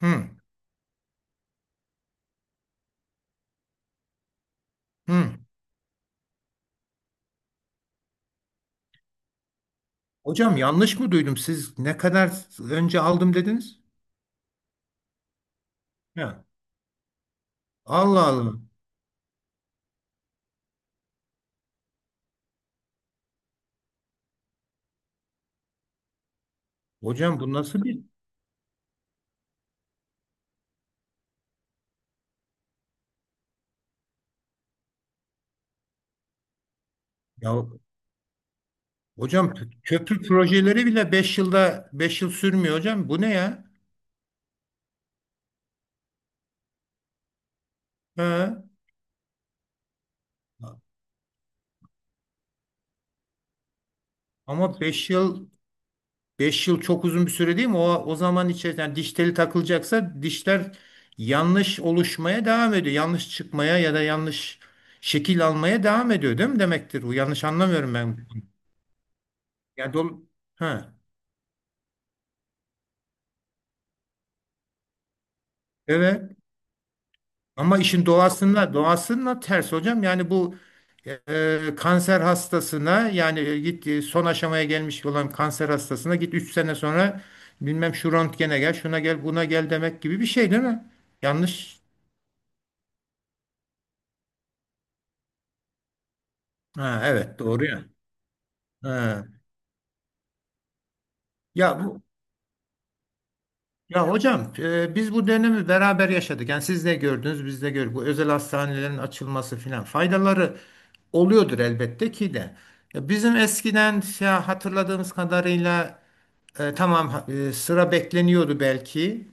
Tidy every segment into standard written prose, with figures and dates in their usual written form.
Hı, hı. Hocam, yanlış mı duydum? Siz ne kadar önce aldım dediniz? Ya. Allah Allah. Hocam bu nasıl bir Ya hocam, köprü projeleri bile 5 yılda 5 yıl sürmüyor hocam. Bu ne ya? Ha. Ama 5 yıl beş yıl çok uzun bir süre değil mi? O zaman içerisinde yani diş teli takılacaksa dişler yanlış oluşmaya devam ediyor. Yanlış çıkmaya ya da yanlış şekil almaya devam ediyor değil mi demektir? Bu yanlış anlamıyorum ben. Yani dolu- ha. Evet. Ama işin doğasına ters hocam. Yani bu, kanser hastasına, yani son aşamaya gelmiş olan kanser hastasına git, 3 sene sonra bilmem şu röntgene gel, şuna gel, buna gel demek gibi bir şey değil mi? Yanlış. Ha, evet, doğru ya. Ha. Ya bu Ya hocam, biz bu dönemi beraber yaşadık. Yani siz de gördünüz, biz de gördük. Bu özel hastanelerin açılması filan, faydaları oluyordur elbette ki de. Ya, bizim eskiden şey, hatırladığımız kadarıyla. Tamam, sıra bekleniyordu belki,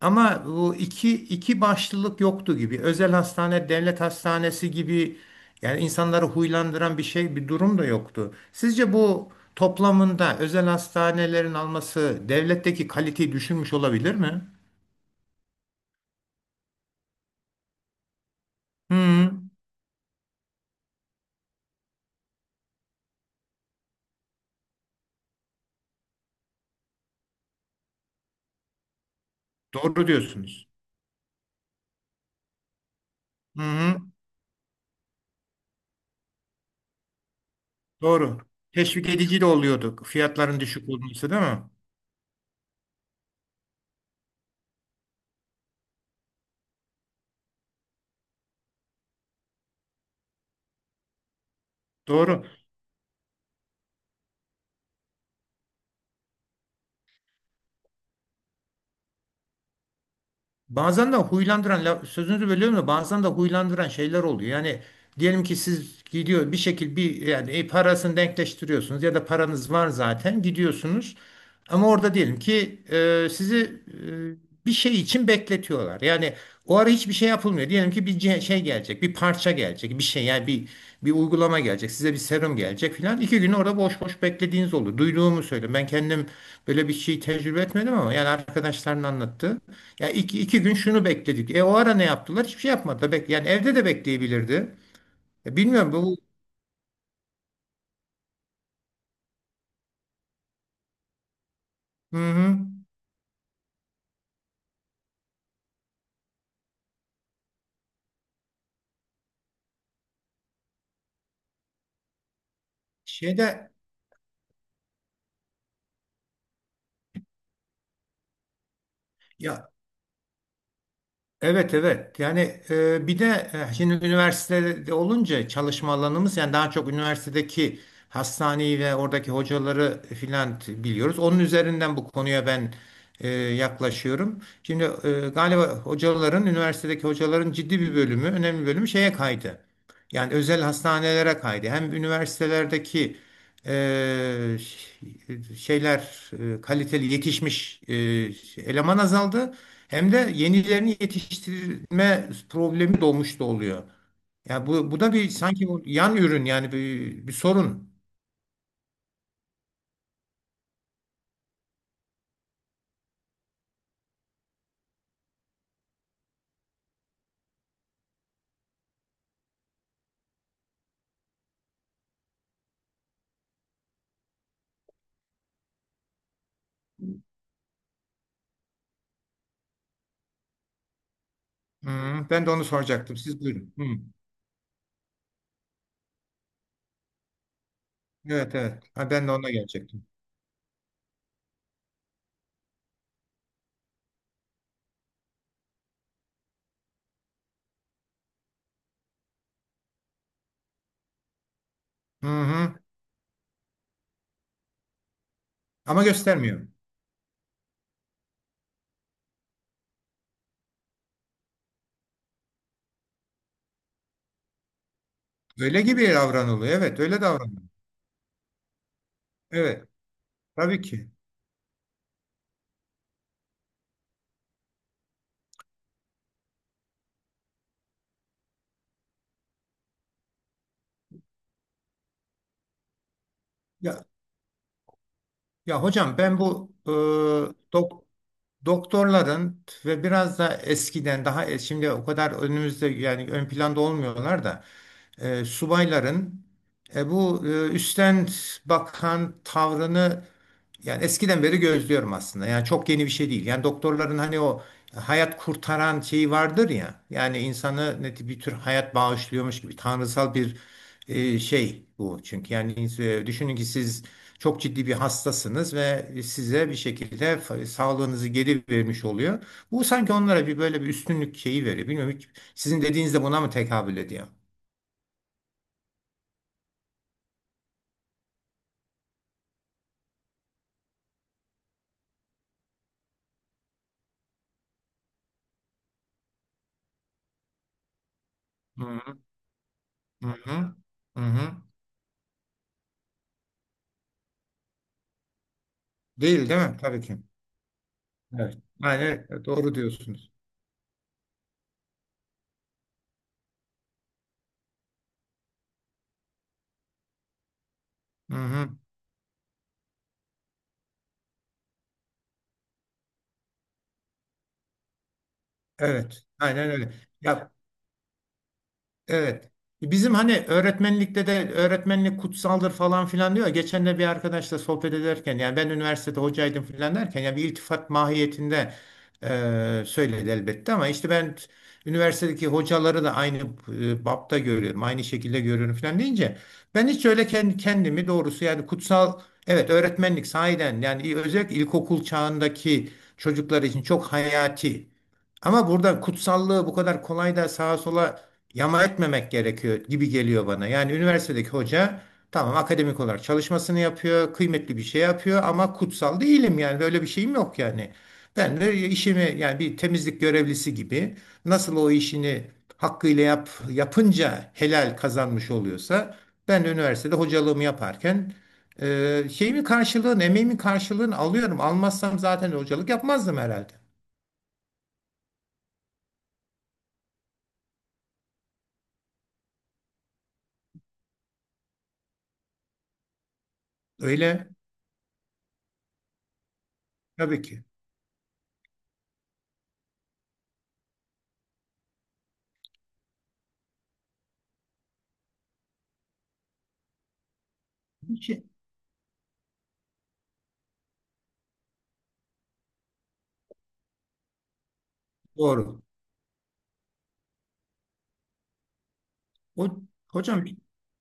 ama bu iki başlılık yoktu gibi. Özel hastane, devlet hastanesi gibi, yani insanları huylandıran bir şey, bir durum da yoktu. Sizce bu toplamında özel hastanelerin alması devletteki kaliteyi düşürmüş olabilir mi? Hı, doğru diyorsunuz. Hı hı, doğru. Teşvik edici de oluyordu fiyatların düşük olması, değil mi? Doğru. Bazen de huylandıran sözünüzü bölüyorum da, bazen de huylandıran şeyler oluyor. Yani diyelim ki siz gidiyor bir şekilde bir, yani parasını denkleştiriyorsunuz ya da paranız var zaten, gidiyorsunuz. Ama orada diyelim ki sizi bir şey için bekletiyorlar. Yani o ara hiçbir şey yapılmıyor. Diyelim ki bir şey gelecek, bir parça gelecek, bir şey, yani bir uygulama gelecek, size bir serum gelecek filan. 2 gün orada boş boş beklediğiniz oldu. Duyduğumu söyle. Ben kendim böyle bir şey tecrübe etmedim, ama yani arkadaşların anlattı. Ya, 2 gün şunu bekledik. E, o ara ne yaptılar? Hiçbir şey yapmadı. Yani evde de bekleyebilirdi. Ya, bilmiyorum bu. Hı hı. Şeyde, ya. Evet, evet, yani, bir de, şimdi üniversitede olunca çalışma alanımız yani daha çok üniversitedeki hastaneyi ve oradaki hocaları filan biliyoruz. Onun üzerinden bu konuya ben yaklaşıyorum. Şimdi, galiba üniversitedeki hocaların ciddi bir bölümü, önemli bir bölümü şeye kaydı. Yani özel hastanelere kaydı. Hem üniversitelerdeki şeyler, kaliteli yetişmiş eleman azaldı. Hem de yenilerini yetiştirme problemi doğmuş da oluyor. Ya, bu da bir, sanki bu yan ürün, yani bir sorun. Hı, ben de onu soracaktım. Siz buyurun. Hı. Evet, evet. Ha, ben de ona gelecektim. Hı hı. Ama göstermiyor. Öyle gibi davranılıyor. Evet, öyle davranılıyor. Evet, tabii ki. Ya Ya hocam, ben bu, dok- doktorların ve biraz da eskiden daha şimdi o kadar önümüzde, yani ön planda olmuyorlar da, subayların, bu, üstten bakan tavrını yani eskiden beri gözlüyorum aslında. Yani çok yeni bir şey değil. Yani doktorların hani o hayat kurtaran şeyi vardır ya. Yani insanı neti, bir tür hayat bağışlıyormuş gibi, tanrısal bir, şey bu, çünkü yani düşünün ki siz çok ciddi bir hastasınız ve size bir şekilde sağlığınızı geri vermiş oluyor. Bu sanki onlara bir, böyle bir üstünlük şeyi veriyor. Bilmiyorum, hiç sizin dediğiniz de buna mı tekabül ediyor? Hı hı, hı hı. Hı hı. Değil, değil mi? Tabii ki. Evet. Aynen öyle. Doğru diyorsunuz. Hı hı. Evet. Aynen öyle. Ya. Evet. Bizim hani öğretmenlikte de öğretmenlik kutsaldır falan filan diyor. Geçen de bir arkadaşla sohbet ederken, yani ben üniversitede hocaydım filan derken, yani bir iltifat mahiyetinde söyledi elbette, ama işte ben üniversitedeki hocaları da aynı bapta görüyorum. Aynı şekilde görüyorum filan deyince, ben hiç öyle kendimi doğrusu yani kutsal, evet, öğretmenlik sahiden, yani özellikle ilkokul çağındaki çocuklar için çok hayati. Ama burada kutsallığı bu kadar kolay da sağa sola yama etmemek gerekiyor gibi geliyor bana. Yani üniversitedeki hoca, tamam, akademik olarak çalışmasını yapıyor, kıymetli bir şey yapıyor, ama kutsal değilim, yani böyle bir şeyim yok yani. Ben de işimi, yani bir temizlik görevlisi gibi nasıl o işini hakkıyla yapınca helal kazanmış oluyorsa, ben de üniversitede hocalığımı yaparken şeyimin karşılığını, emeğimin karşılığını alıyorum. Almazsam zaten hocalık yapmazdım herhalde. Öyle, tabii ki. Bir şey- Doğru. O, hocam,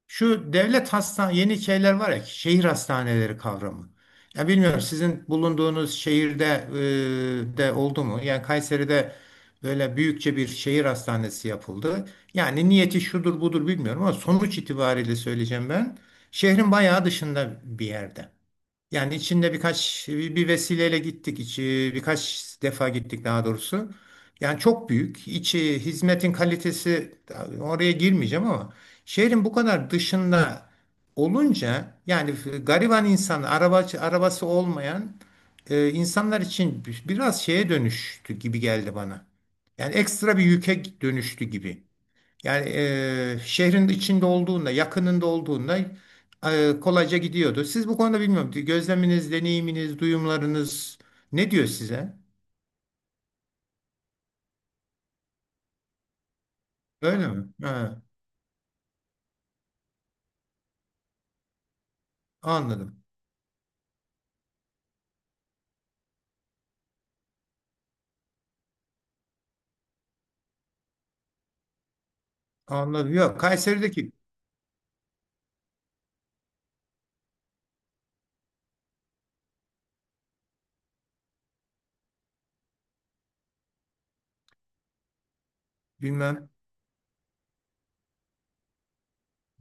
şu devlet hastane, yeni şeyler var ya, şehir hastaneleri kavramı. Ya, bilmiyorum sizin bulunduğunuz şehirde de oldu mu? Yani Kayseri'de böyle büyükçe bir şehir hastanesi yapıldı. Yani niyeti şudur budur bilmiyorum, ama sonuç itibariyle söyleyeceğim ben. Şehrin bayağı dışında bir yerde. Yani içinde birkaç bir vesileyle gittik, içi birkaç defa gittik daha doğrusu. Yani çok büyük. İçi, hizmetin kalitesi, oraya girmeyeceğim ama, şehrin bu kadar dışında olunca, yani gariban insan, arabası olmayan insanlar için biraz şeye dönüştü gibi geldi bana. Yani ekstra bir yüke dönüştü gibi. Yani şehrin içinde olduğunda, yakınında olduğunda kolayca gidiyordu. Siz bu konuda bilmiyorum. Gözleminiz, deneyiminiz, duyumlarınız ne diyor size? Öyle mi? Ha, anladım. Anladım. Yok, Kayseri'deki bilmem.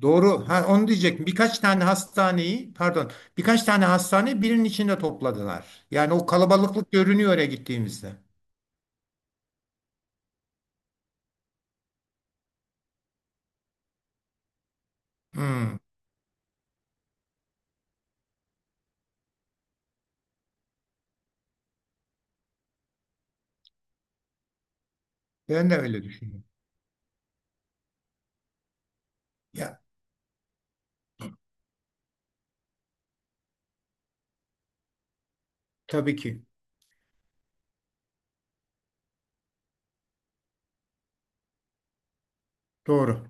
Doğru. Ha, onu diyecektim. Birkaç tane hastaneyi, pardon, birkaç tane hastane birinin içinde topladılar. Yani o kalabalıklık görünüyor oraya gittiğimizde. Hmm, ben de öyle düşünüyorum. Ya, tabii ki. Doğru.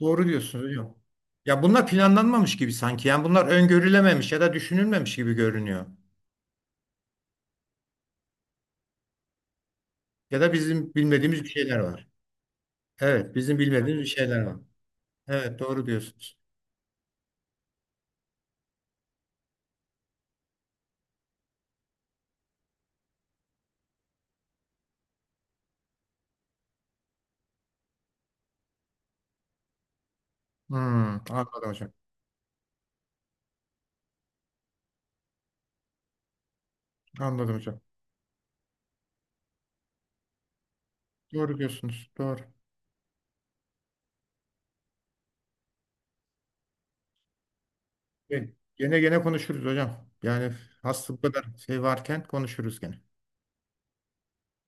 Doğru diyorsunuz hocam. Ya, bunlar planlanmamış gibi sanki. Yani bunlar öngörülememiş ya da düşünülmemiş gibi görünüyor. Ya da bizim bilmediğimiz bir şeyler var. Evet, bizim bilmediğimiz bir şeyler var. Evet, doğru diyorsunuz. Hmm, anladım hocam. Anladım hocam. Doğru diyorsunuz. Doğru. Peki, gene konuşuruz hocam. Yani hasta bu kadar şey varken konuşuruz gene.